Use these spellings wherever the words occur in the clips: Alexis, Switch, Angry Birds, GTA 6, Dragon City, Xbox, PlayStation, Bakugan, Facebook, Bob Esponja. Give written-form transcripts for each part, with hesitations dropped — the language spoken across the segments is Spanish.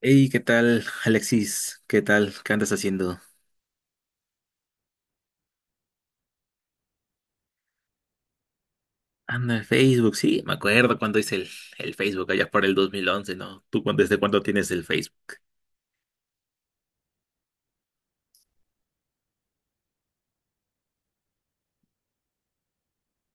Hey, ¿qué tal, Alexis? ¿Qué tal? ¿Qué andas haciendo? Anda, el Facebook, sí, me acuerdo cuando hice el Facebook allá por el 2011, ¿no? ¿Tú cuándo- desde cuándo tienes el Facebook?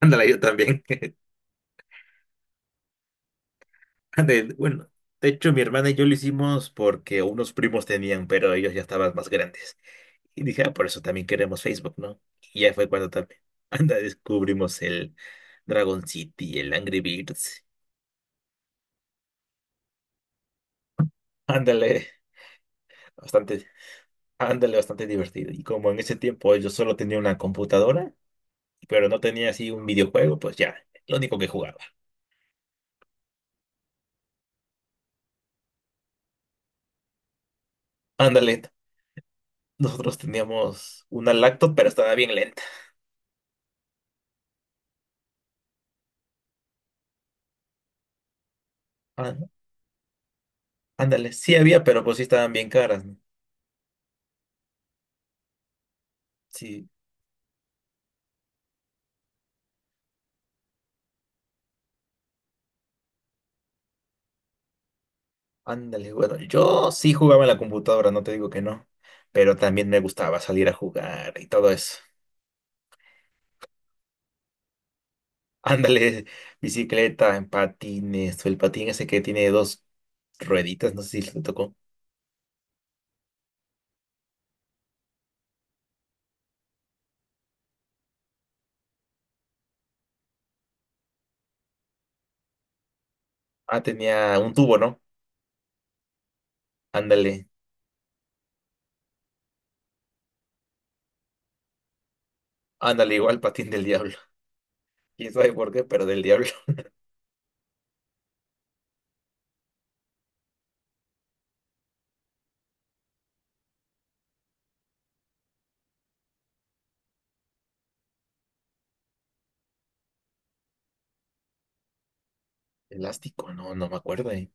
Ándale, yo también. Ándale, bueno, de hecho, mi hermana y yo lo hicimos porque unos primos tenían, pero ellos ya estaban más grandes. Y dije, ah, por eso también queremos Facebook, ¿no? Y ya fue cuando también, anda, descubrimos el Dragon City, el Angry Birds. Ándale, bastante. Ándale, bastante divertido. Y como en ese tiempo yo solo tenía una computadora, pero no tenía así un videojuego, pues ya, lo único que jugaba. Ándale, nosotros teníamos una laptop, pero estaba bien lenta. Ah, ¿no? Ándale, sí había, pero pues sí estaban bien caras, ¿no? Sí, ándale, bueno, yo sí jugaba en la computadora, no te digo que no, pero también me gustaba salir a jugar y todo eso. Ándale, bicicleta, en patines, o el patín ese que tiene dos rueditas, no sé si le tocó. Ah, tenía un tubo, ¿no? Ándale. Ándale, igual patín del diablo. ¿Quién sabe por qué? Pero del diablo. Elástico, no, no me acuerdo,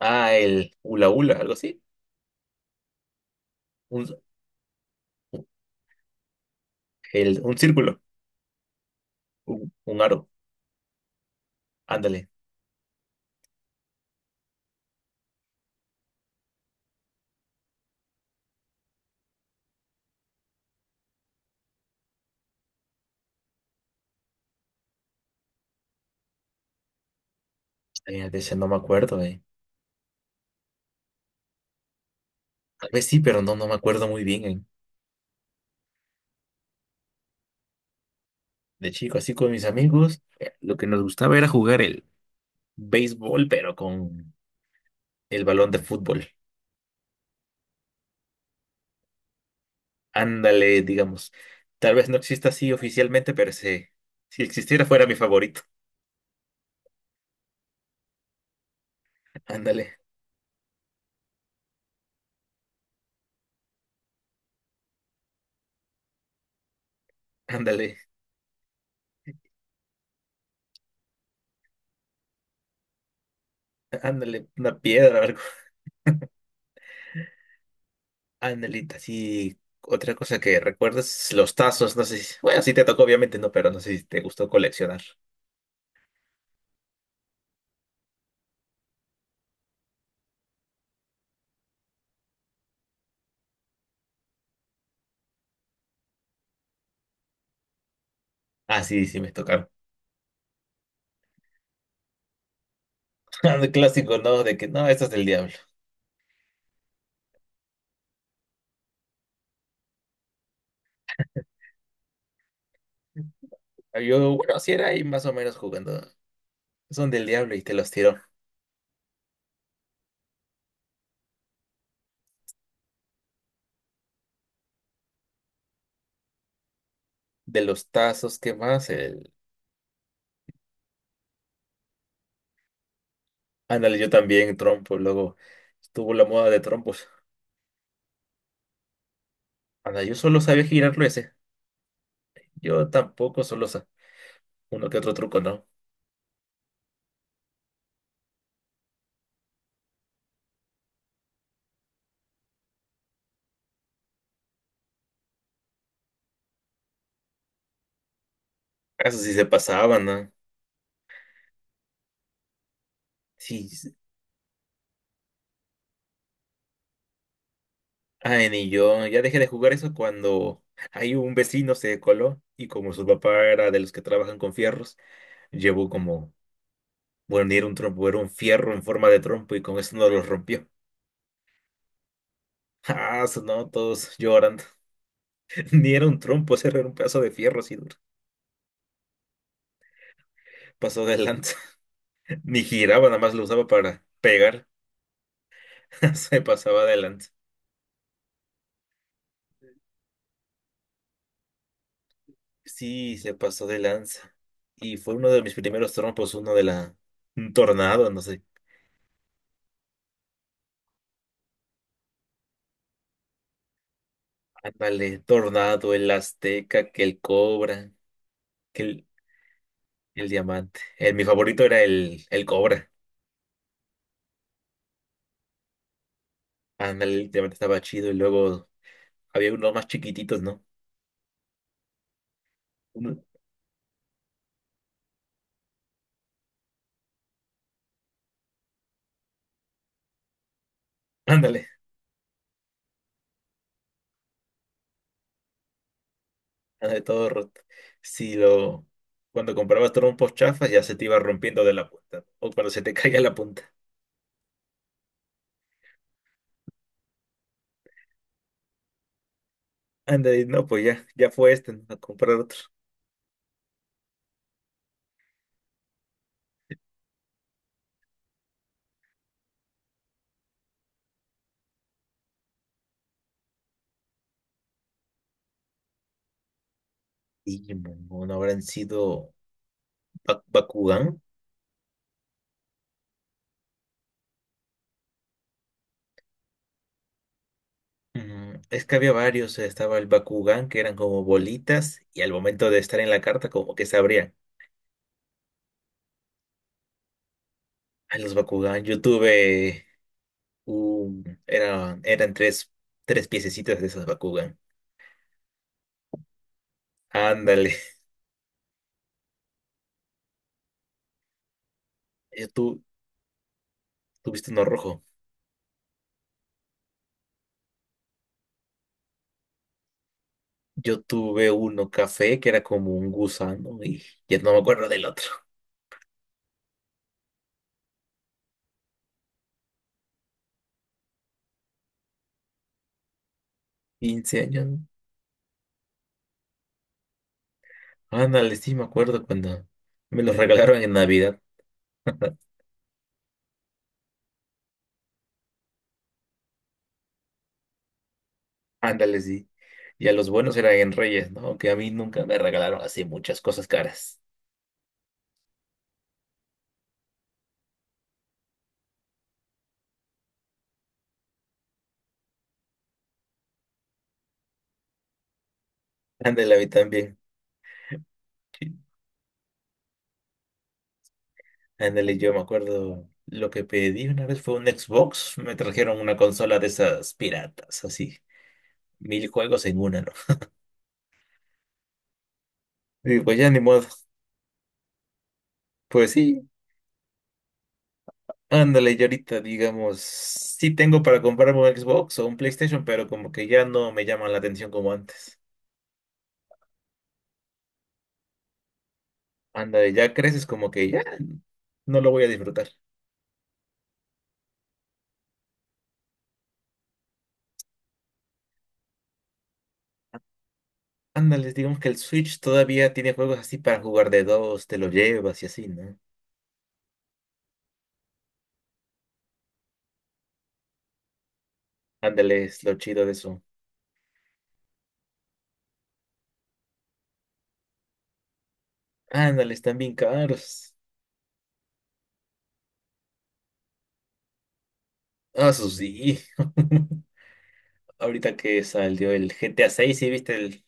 Ah, el hula hula, algo así. Un, un círculo, un aro. Ándale. De ese no me acuerdo, Tal vez sí, pero no, no me acuerdo muy bien, De chico, así con mis amigos, lo que nos gustaba era jugar el béisbol, pero con el balón de fútbol. Ándale, digamos. Tal vez no exista así oficialmente, pero si existiera fuera mi favorito. Ándale, ándale. Ándale, una piedra, Anelita, sí. Otra cosa que recuerdas, los tazos, no sé si… Bueno, sí te tocó, obviamente, no, pero no sé si te gustó coleccionar. Ah, sí, sí me tocaron. El clásico, ¿no? De que, no, esto es del diablo. Yo, bueno, sí era ahí más o menos jugando. Son del diablo y te los tiró. De los tazos, ¿qué más? El… Ándale, yo también, trompo. Luego estuvo la moda de trompos. Ándale, yo solo sabía girarlo ese. Yo tampoco uno que otro truco, ¿no? Eso sí se pasaban, ¿no? Sí, ay, ni yo, ya dejé de jugar eso cuando ahí un vecino se coló y como su papá era de los que trabajan con fierros, llevó como, bueno, ni era un trompo, era un fierro en forma de trompo y con eso no lo rompió. Ah, sonó todos llorando. Ni era un trompo, ese era un pedazo de fierro así duro. Pasó de lanza. Ni giraba, nada más lo usaba para pegar. Se pasaba de lanza. Sí, se pasó de lanza. Y fue uno de mis primeros trompos, uno de la… Un tornado, no sé. Ándale, Tornado, el Azteca, que el Cobra, que el Diamante. Mi favorito era el Cobra. Ándale, el Diamante estaba chido y luego había unos más chiquititos, ¿no? Uno- ándale, ándale, todo roto. Si lo, cuando comprabas trompos chafas ya se te iba rompiendo de la punta. O cuando se te caía la punta. Ándale, no, pues ya, ya fue este, ¿no? A comprar otro. Y, no, habrán sido Bakugan. Mm, es que había varios, estaba el Bakugan, que eran como bolitas, y al momento de estar en la carta, como que se abrían. Ay, los Bakugan, yo tuve un… Eran tres, tres piececitas de esos Bakugan. Ándale, yo tú tuviste uno rojo. Yo tuve uno café, que era como un gusano, y ya no me acuerdo del otro. 15 años, ¿no? Ándale, sí, me acuerdo cuando me los regalaron en Navidad. Ándale, sí. Y a los buenos eran en Reyes, ¿no? Que a mí nunca me regalaron así muchas cosas caras. Ándale, a mí también. Sí. Ándale, yo me acuerdo lo que pedí una vez fue un Xbox. Me trajeron una consola de esas piratas, así. Mil juegos en una, ¿no? Y pues ya ni modo. Pues sí, ándale, yo ahorita, digamos, sí tengo para comprarme un Xbox o un PlayStation, pero como que ya no me llaman la atención como antes. Ándale, ya creces como que ya no lo voy a disfrutar. Ándale, digamos que el Switch todavía tiene juegos así para jugar de dos, te lo llevas y así, ¿no? Ándale, es lo chido de eso. Ándale, están bien caros. Ah, eso sí. Ahorita que salió el GTA 6, ¿sí viste el…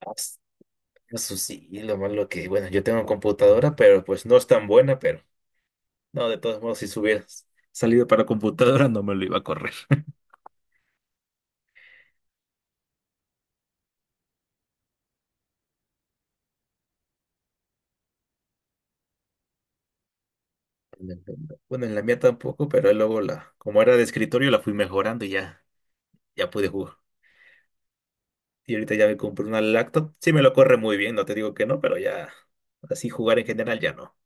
Ah, eso sí, lo malo que, bueno, yo tengo computadora, pero pues no es tan buena, pero no, de todos modos, si hubieras salido para computadora, no me lo iba a correr. Bueno, en la mía tampoco, pero luego como era de escritorio, la fui mejorando y ya, ya pude jugar. Y ahorita ya me compré una lacto. Sí me lo corre muy bien, no te digo que no, pero ya así jugar en general ya no.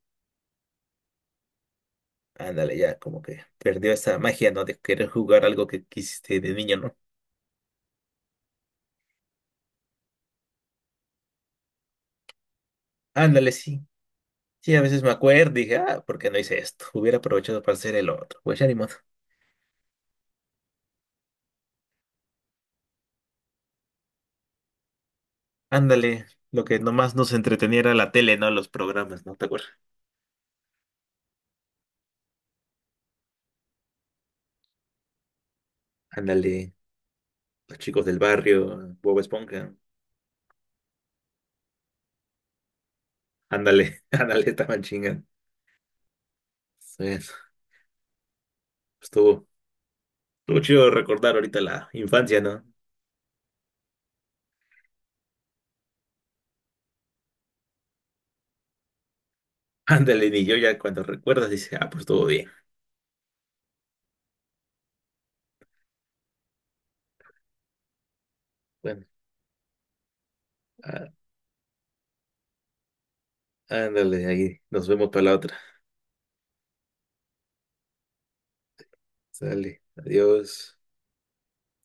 Ándale, ya como que perdió esa magia, ¿no? De querer jugar algo que quisiste de niño, ¿no? Ándale, sí. Sí, a veces me acuerdo, y dije, ah, ¿por qué no hice esto? Hubiera aprovechado para hacer el otro. Pues ya ni modo. Ándale, lo que nomás nos entretenía era la tele, ¿no? Los programas, ¿no? ¿Te acuerdas? Ándale, los chicos del barrio, Bob Esponja. Ándale, ándale, estaban chingando. Sí, estuvo, estuvo chido recordar ahorita la infancia, ¿no? Ándale, ni yo ya cuando recuerdas dice, ah, pues estuvo bien. Bueno, á- ándale, ahí nos vemos para la otra. Sale, adiós.